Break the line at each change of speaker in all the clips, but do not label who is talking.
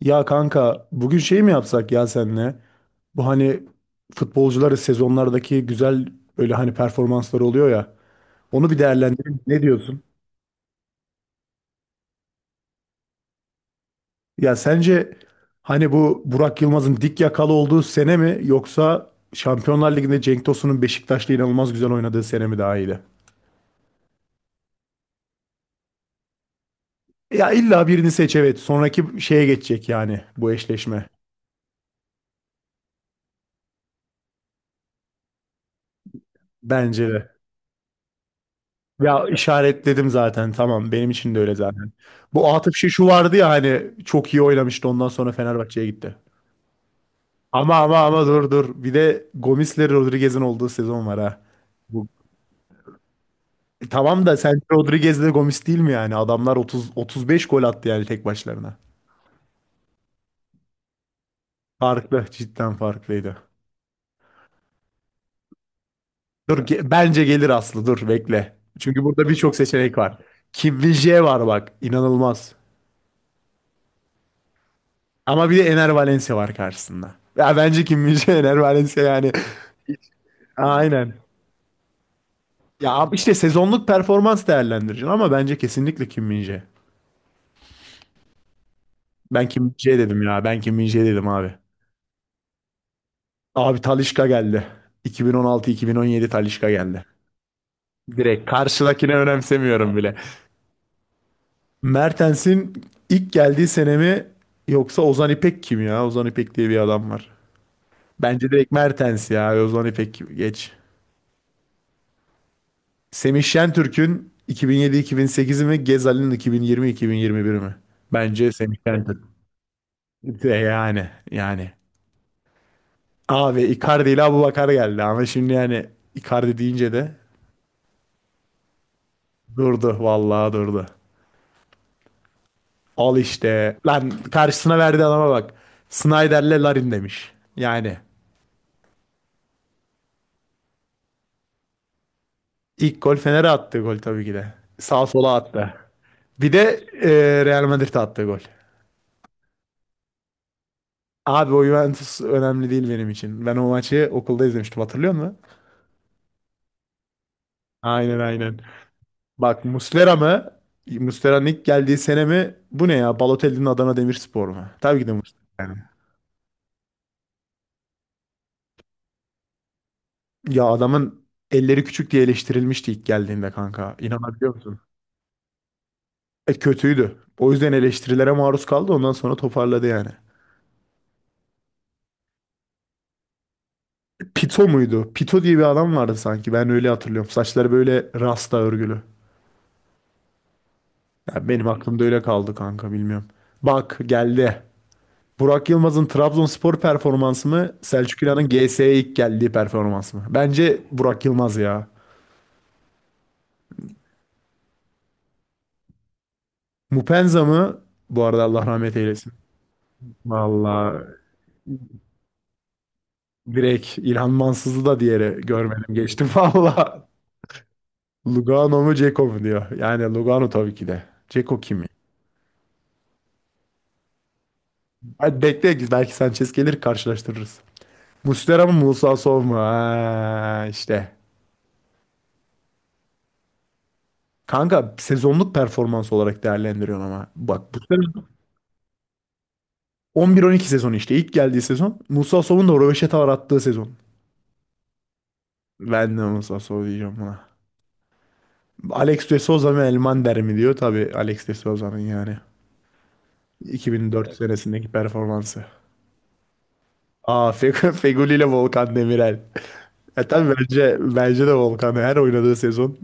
Ya kanka bugün şey mi yapsak ya senle? Bu hani futbolcuları sezonlardaki güzel öyle hani performansları oluyor ya. Onu bir değerlendirelim. Ne diyorsun? Ya sence hani bu Burak Yılmaz'ın dik yakalı olduğu sene mi yoksa Şampiyonlar Ligi'nde Cenk Tosun'un Beşiktaş'la inanılmaz güzel oynadığı sene mi daha iyiydi? Ya illa birini seç, evet. Sonraki şeye geçecek yani bu eşleşme. Bence de. Ya işaretledim zaten, tamam, benim için de öyle zaten. Bu Atıf şu vardı ya hani çok iyi oynamıştı, ondan sonra Fenerbahçe'ye gitti. Ama dur, bir de Gomis'le Rodriguez'in olduğu sezon var ha. Bu, E tamam da, sen Rodriguez'le Gomis değil mi yani? Adamlar 30 35 gol attı yani tek başlarına. Farklı, cidden farklıydı. Dur bence gelir Aslı, dur bekle. Çünkü burada birçok seçenek var. Kim Min-jae var bak, inanılmaz. Ama bir de Ener Valencia var karşısında. Ya bence Kim min Ener Valencia yani. Aynen. Ya abi işte sezonluk performans değerlendireceksin ama bence kesinlikle Kim min. Ben Kim min dedim ya. Ben Kim min dedim abi. Abi Talisca geldi. 2016-2017 Talisca geldi. Direkt karşıdakini önemsemiyorum bile. Mertens'in ilk geldiği sene mi yoksa Ozan İpek kim ya? Ozan İpek diye bir adam var. Bence direkt Mertens ya. Ozan İpek geç. Semih Şentürk'ün 2007-2008'i mi? Gezal'in 2020-2021'i mi? Bence Semih Şentürk. De yani yani. Abi Icardi ile Abubakar geldi ama şimdi yani Icardi deyince de durdu, vallahi durdu. Al işte. Lan karşısına verdiği adama bak. Snyder'le Larin demiş. Yani ilk gol Fener'e attığı gol tabii ki de. Sağ sola attı. Bir de Real Madrid'e attığı gol. Abi o Juventus önemli değil benim için. Ben o maçı okulda izlemiştim, hatırlıyor musun? Aynen aynen. Bak Muslera mı? Muslera'nın ilk geldiği sene mi? Bu ne ya? Balotelli'nin Adana Demirspor mu? Tabii ki de Muslera yani. Ya adamın elleri küçük diye eleştirilmişti ilk geldiğinde kanka. İnanabiliyor musun? E kötüydü. O yüzden eleştirilere maruz kaldı. Ondan sonra toparladı yani. Pito muydu? Pito diye bir adam vardı sanki. Ben öyle hatırlıyorum. Saçları böyle rasta örgülü. Ya benim aklımda öyle kaldı kanka, bilmiyorum. Bak geldi. Burak Yılmaz'ın Trabzonspor performansı mı? Selçuk İnan'ın GS'ye ilk geldiği performans mı? Bence Burak Yılmaz ya. Mupenza mı? Bu arada Allah rahmet eylesin. Vallahi direkt İlhan Mansız'ı da, diğeri görmedim, geçtim valla. Lugano mu Ceko mu diyor. Yani Lugano tabii ki de. Ceko kim ya? Hadi bekle, belki Sanchez gelir karşılaştırırız. Muslera mı Musa Sow mu? Ha, işte. Kanka sezonluk performans olarak değerlendiriyorsun ama. Bak Muslera 11-12 sezonu işte ilk geldiği sezon. Musa Sow'un da röveşata uğrattığı sezon. Ben de Musa Sow diyeceğim buna. Alex de Souza mı Elmander mi diyor. Tabii Alex de Souza'nın yani. 2004, evet, senesindeki performansı. Aa Fe Feguli ile Volkan Demirel. E tabii bence de Volkan her oynadığı sezon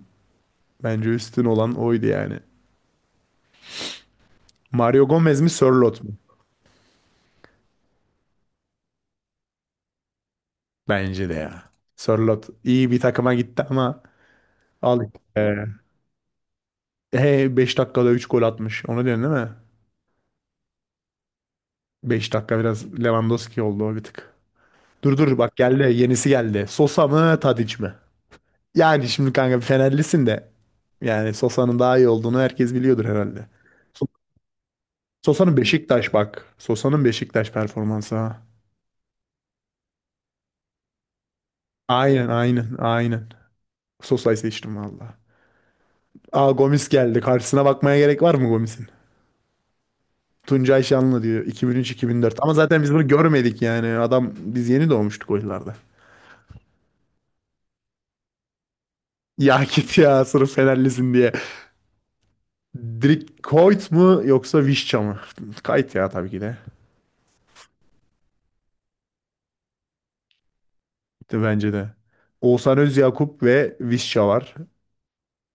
bence üstün olan oydu yani. Mario Gomez mi Sörloth mu? Bence de ya. Sörloth iyi bir takıma gitti ama al. Ee, He, 5 dakikada 3 gol atmış. Onu diyorsun değil mi? 5 dakika biraz Lewandowski oldu, o bir tık. Dur, bak geldi yenisi geldi. Sosa mı Tadic mi? Yani şimdi kanka Fenerlisin de yani Sosa'nın daha iyi olduğunu herkes biliyordur herhalde. So- Sosa'nın Beşiktaş bak. Sosa'nın Beşiktaş performansı ha. Aynen aynen aynen. Sosa'yı seçtim valla. Aa Gomis geldi. Karşısına bakmaya gerek var mı Gomis'in? Tuncay Şanlı diyor 2003-2004. Ama zaten biz bunu görmedik yani. Adam biz yeni doğmuştuk o yıllarda. Ya git ya sırf Fenerlisin diye. Direkt Koyt mu yoksa Vişça mı? Kayıt ya, tabii ki de. De bence de. Oğuzhan Özyakup ve Vişça var.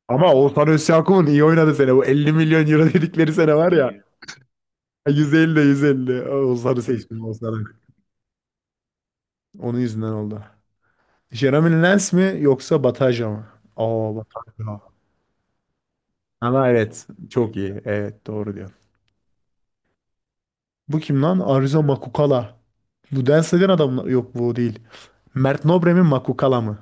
Ama Oğuzhan Özyakup'un iyi oynadığı sene. Bu 50 milyon euro dedikleri sene var ya. İyi. 150 de 150. Oğuzhan'ı, hı, seçtim Oğuzhan'ı. Onun yüzünden oldu. Jeremy Lens mi yoksa Bataja mı? Aa Bataja. Ama evet. Çok iyi. Evet doğru diyorsun. Bu kim lan? Arıza Makukala. Bu dans eden adam mı? Yok bu değil. Mert Nobre mi Makukala mı?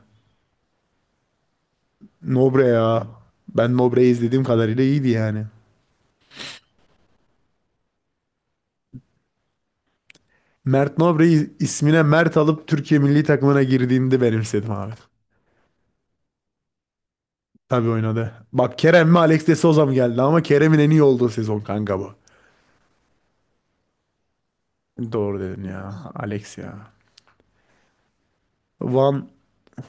Nobre ya. Ben Nobre'yi izlediğim kadarıyla iyiydi yani. Mert Nobre'yi ismine Mert alıp Türkiye milli takımına girdiğinde benimsedim abi. Tabii oynadı. Bak Kerem mi Alex de Souza mı geldi ama Kerem'in en iyi olduğu sezon kanka bu. Doğru dedin ya. Alex ya. Van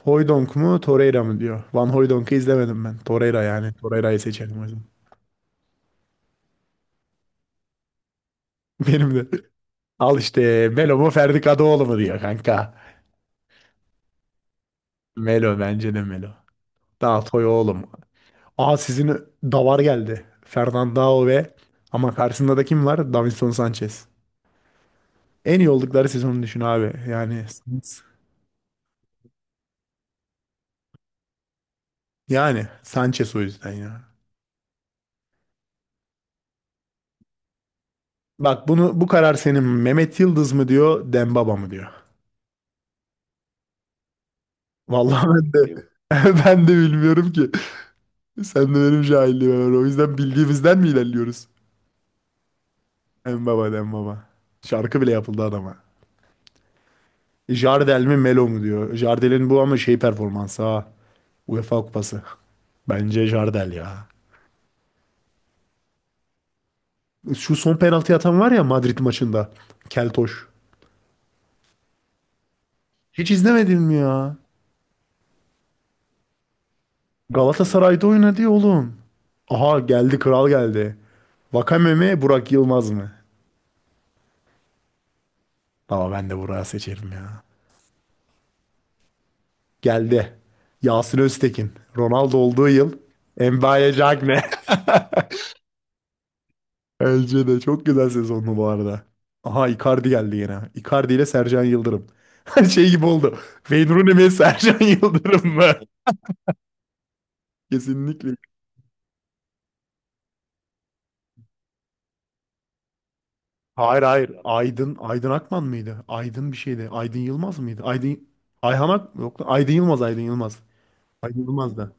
Hooijdonk mu Torreira mı diyor. Van Hooijdonk'u izlemedim ben. Torreira yani. Torreira'yı seçelim o zaman. Benim de. Al işte Melo mu Ferdi Kadıoğlu mu diyor kanka. Melo, bence de Melo. Daha oğlum. Aa sizin davar geldi. Fernandao ve ama karşısında da kim var? Davinson Sanchez. En iyi oldukları sezonu düşün abi. Yani yani Sanchez, o yüzden ya. Bak bunu, bu karar senin, Mehmet Yıldız mı diyor, Dembaba mı diyor. Vallahi ben de ben de bilmiyorum ki. Sen de benim cahilliğim var. O yüzden bildiğimizden mi ilerliyoruz? Dembaba, Dembaba. Şarkı bile yapıldı adama. Jardel mi Melo mu diyor. Jardel'in bu ama şey performansı ha. UEFA Kupası. Bence Jardel ya. Şu son penaltı atan var ya Madrid maçında. Keltoş. Hiç izlemedin mi ya? Galatasaray'da oynadı ya oğlum. Aha geldi, kral geldi. Vakame mi Burak Yılmaz mı? Ama ben de Burak'ı seçerim ya. Geldi. Yasin Öztekin. Ronaldo olduğu yıl. Mbaye Diagne. Bence de çok güzel sezonlu bu arada. Aha Icardi geldi yine. Icardi ile Sercan Yıldırım. Şey gibi oldu. Wayne Rooney mi Sercan Yıldırım mı? Kesinlikle. Hayır hayır. Aydın Akman mıydı? Aydın bir şeydi. Aydın Yılmaz mıydı? Aydın Ayhan Ak yok lan. Aydın Yılmaz, Aydın Yılmaz. Aydın Yılmaz da.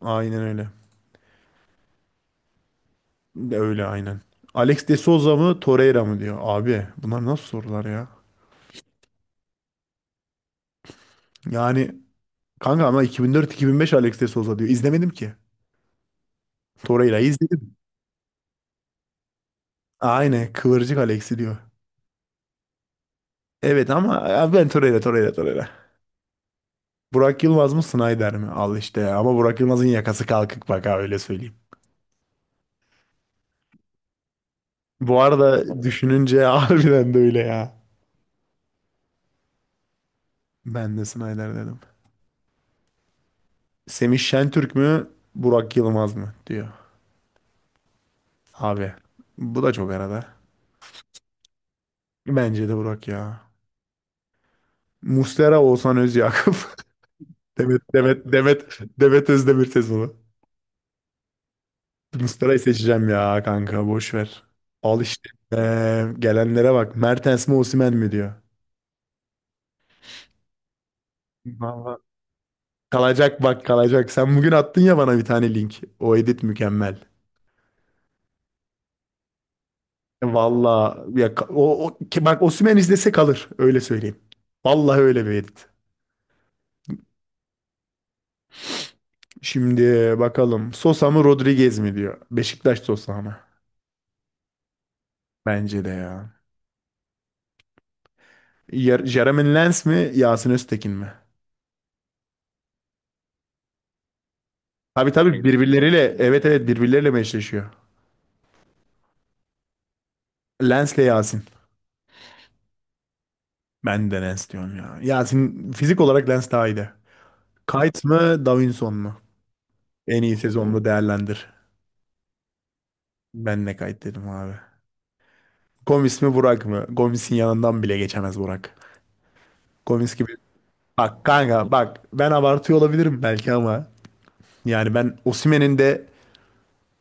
Aynen öyle. De öyle aynen. Alex de Souza mı Torreira mı diyor. Abi bunlar nasıl sorular ya? Yani kanka ama 2004-2005 Alex de Souza diyor. İzlemedim ki. Torreira'yı izledim. Aynen kıvırcık Alex'i diyor. Evet ama abi ben Torreira, Torreira, Torreira. Burak Yılmaz mı Snyder mi? Al işte ya. Ama Burak Yılmaz'ın yakası kalkık bak ha, öyle söyleyeyim. Bu arada düşününce harbiden de öyle ya. Ben de Snyder dedim. Semih Şentürk mü Burak Yılmaz mı diyor. Abi bu da çok arada. Bence de Burak ya. Muslera, Oğuzhan Özyakup. Demet Özdemir sezonu. Muslera'yı seçeceğim ya kanka, boş ver. Al işte. Gelenlere bak. Mertens mi Osimhen mi diyor. Vallahi. Kalacak, bak kalacak. Sen bugün attın ya bana bir tane link. O edit mükemmel. Valla ya o ki bak Osimhen izlese kalır, öyle söyleyeyim. Vallahi öyle bir edit. Şimdi bakalım Sosa mı Rodriguez mi diyor. Beşiktaş Sosa mı? Bence de ya. Jeremy Lens mi Yasin Öztekin mi? Abi tabii birbirleriyle, evet evet, birbirleriyle meşleşiyor. Lens'le Yasin. Ben de Lens diyorum ya. Ya senin fizik olarak Lens daha iyiydi. Kayt mı Davinson mu? En iyi sezonunu değerlendir. Ben de Kayt dedim abi. Gomis mi Burak mı? Gomis'in yanından bile geçemez Burak. Gomis gibi. Bak kanka bak, ben abartıyor olabilirim belki ama. Yani ben Osimhen'in de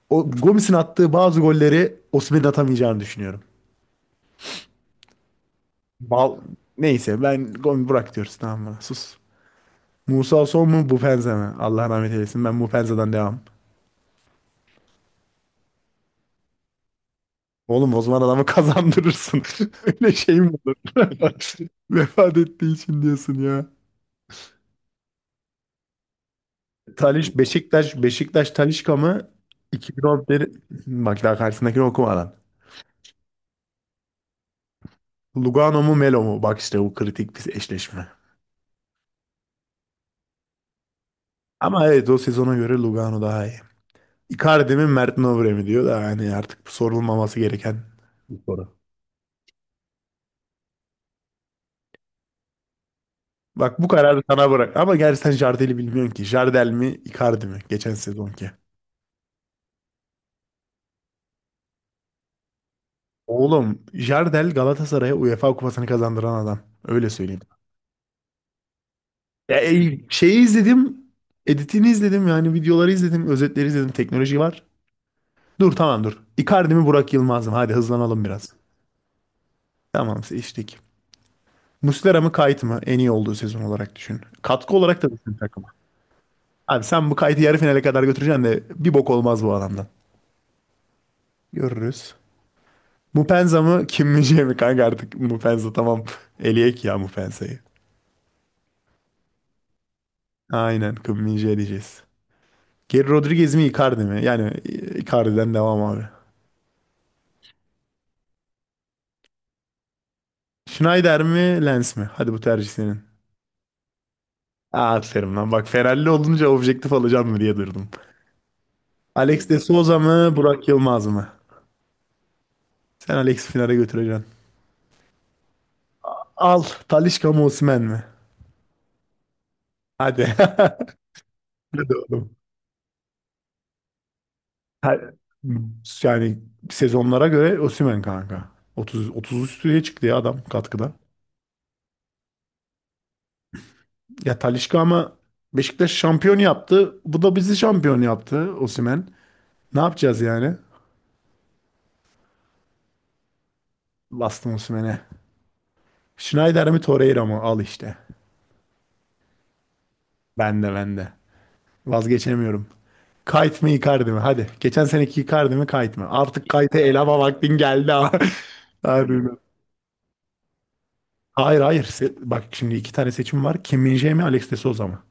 o Gomis'in attığı bazı golleri Osimhen'in atamayacağını düşünüyorum. Bal, neyse ben Gomis Burak diyoruz, tamam mı? Sus. Musa Son mu Mupenza mı? Allah rahmet eylesin, ben Mupenza'dan devam. Oğlum o zaman adamı kazandırırsın. Öyle şey mi olur? Vefat ettiği için diyorsun ya. Taliş Beşiktaş Talişka mı? 2011, bak daha karşısındakini okumadan. Lugano mu Melo mu? Bak işte bu kritik bir eşleşme. Ama evet o sezona göre Lugano daha iyi. Icardi mi Mert Nobre mi diyor da yani artık bu sorulmaması gereken bir soru. Bak bu kararı sana bırak. Ama gerçi sen Jardel'i bilmiyorsun ki. Jardel mi Icardi mi? Geçen sezonki. Oğlum Jardel Galatasaray'a UEFA kupasını kazandıran adam. Öyle söyleyeyim. Şeyi izledim. Editini izledim yani, videoları izledim. Özetleri izledim. Teknoloji var. Dur, tamam. Icardi mi Burak Yılmaz mı? Hadi hızlanalım biraz. Tamam, seçtik. Muslera mı Kayt mı? En iyi olduğu sezon olarak düşün. Katkı olarak da düşün takıma. Abi sen bu Kayt'ı yarı finale kadar götüreceksin de bir bok olmaz bu adamdan. Görürüz. Mupenza mı Kim min mi, kanka artık Mupenza tamam. Eliyek ya Mupenza'yı. Aynen, Kim min diyeceğiz. Geri Rodriguez mi Icardi mi? Yani Icardi'den devam abi. Schneider mi Lens mi? Hadi bu tercih senin. Aa aferin lan. Bak Ferrari olunca objektif alacağım mı diye durdum. Alex de Souza mı Burak Yılmaz mı? Sen Alex'i finale götüreceksin. Al, Talisca mı Osimhen mi? Hadi. Hadi oğlum. Ha- Yani sezonlara göre Osimhen kanka. 30 30 üstüye çıktı ya adam katkıda. Ya Talisca ama Beşiktaş şampiyon yaptı. Bu da bizi şampiyon yaptı Osimhen. Ne yapacağız yani? Bastım Osimhen'e. Schneider mi Torreira mı? Al işte. Bende vazgeçemiyorum. Kite mi Icardi mi? Hadi. Geçen seneki Icardi mi Kite mi? Artık Kite'e el hava vaktin geldi ha. Harbiden. Hayır hayır. Bak şimdi iki tane seçim var. Kim Min-jae mi Alex de Souza mı?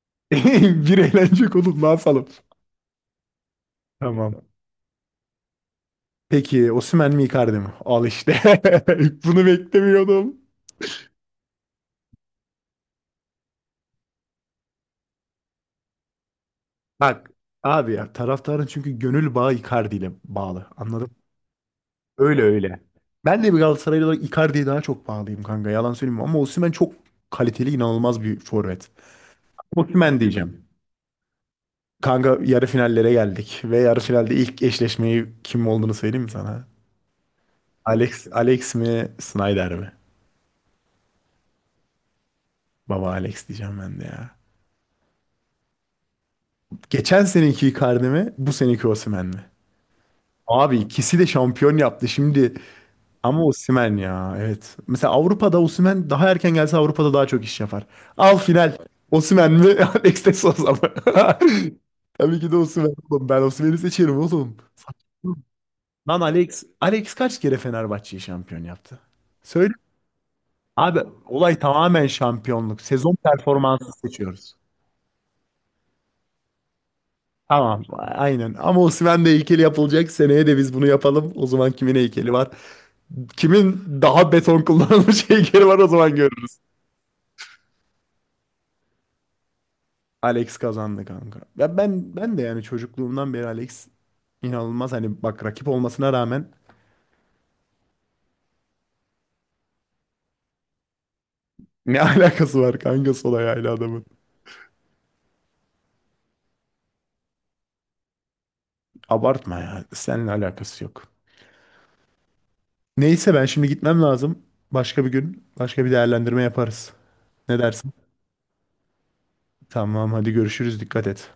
Bir eğlenecek oğlum, ne yapalım? Tamam. Peki Osimhen mi Icardi mi? Al işte. Bunu beklemiyordum. Bak abi ya, taraftarın çünkü gönül bağı Icardi ile bağlı. Anladın. Öyle öyle. Ben bir Galatasaraylı olarak Icardi'ye daha çok bağlıyım kanka. Yalan söyleyeyim ama Osimhen çok kaliteli, inanılmaz bir forvet. Osimhen diyeceğim. Kanka yarı finallere geldik ve yarı finalde ilk eşleşmeyi kim olduğunu söyleyeyim mi sana? Alex, Alex mi, Snyder mi? Baba Alex diyeceğim ben de ya. Geçen seneki Icardi mi, bu seneki Osimhen mi? Abi ikisi de şampiyon yaptı. Şimdi, ama Osimhen ya, evet. Mesela Avrupa'da Osimhen daha erken gelse Avrupa'da daha çok iş yapar. Al final. Osimhen mi? Alex de Sousa mı? Tabii ki de Osimhen oğlum. Ben Osimhen'i seçerim oğlum. Saçmalama. Lan Alex, Alex kaç kere Fenerbahçe'yi şampiyon yaptı? Söyle. Abi olay tamamen şampiyonluk. Sezon performansı seçiyoruz. Tamam, aynen. Ama Osimhen de heykeli yapılacak. Seneye de biz bunu yapalım. O zaman kimin heykeli var? Kimin daha beton kullanılmış heykeli var o zaman, görürüz. Alex kazandı kanka. Ya ben de yani çocukluğumdan beri Alex inanılmaz hani bak rakip olmasına rağmen ne alakası var kanka sol ayağıyla adamın. Abartma ya. Seninle alakası yok. Neyse ben şimdi gitmem lazım. Başka bir gün başka bir değerlendirme yaparız. Ne dersin? Tamam hadi, görüşürüz. Dikkat et.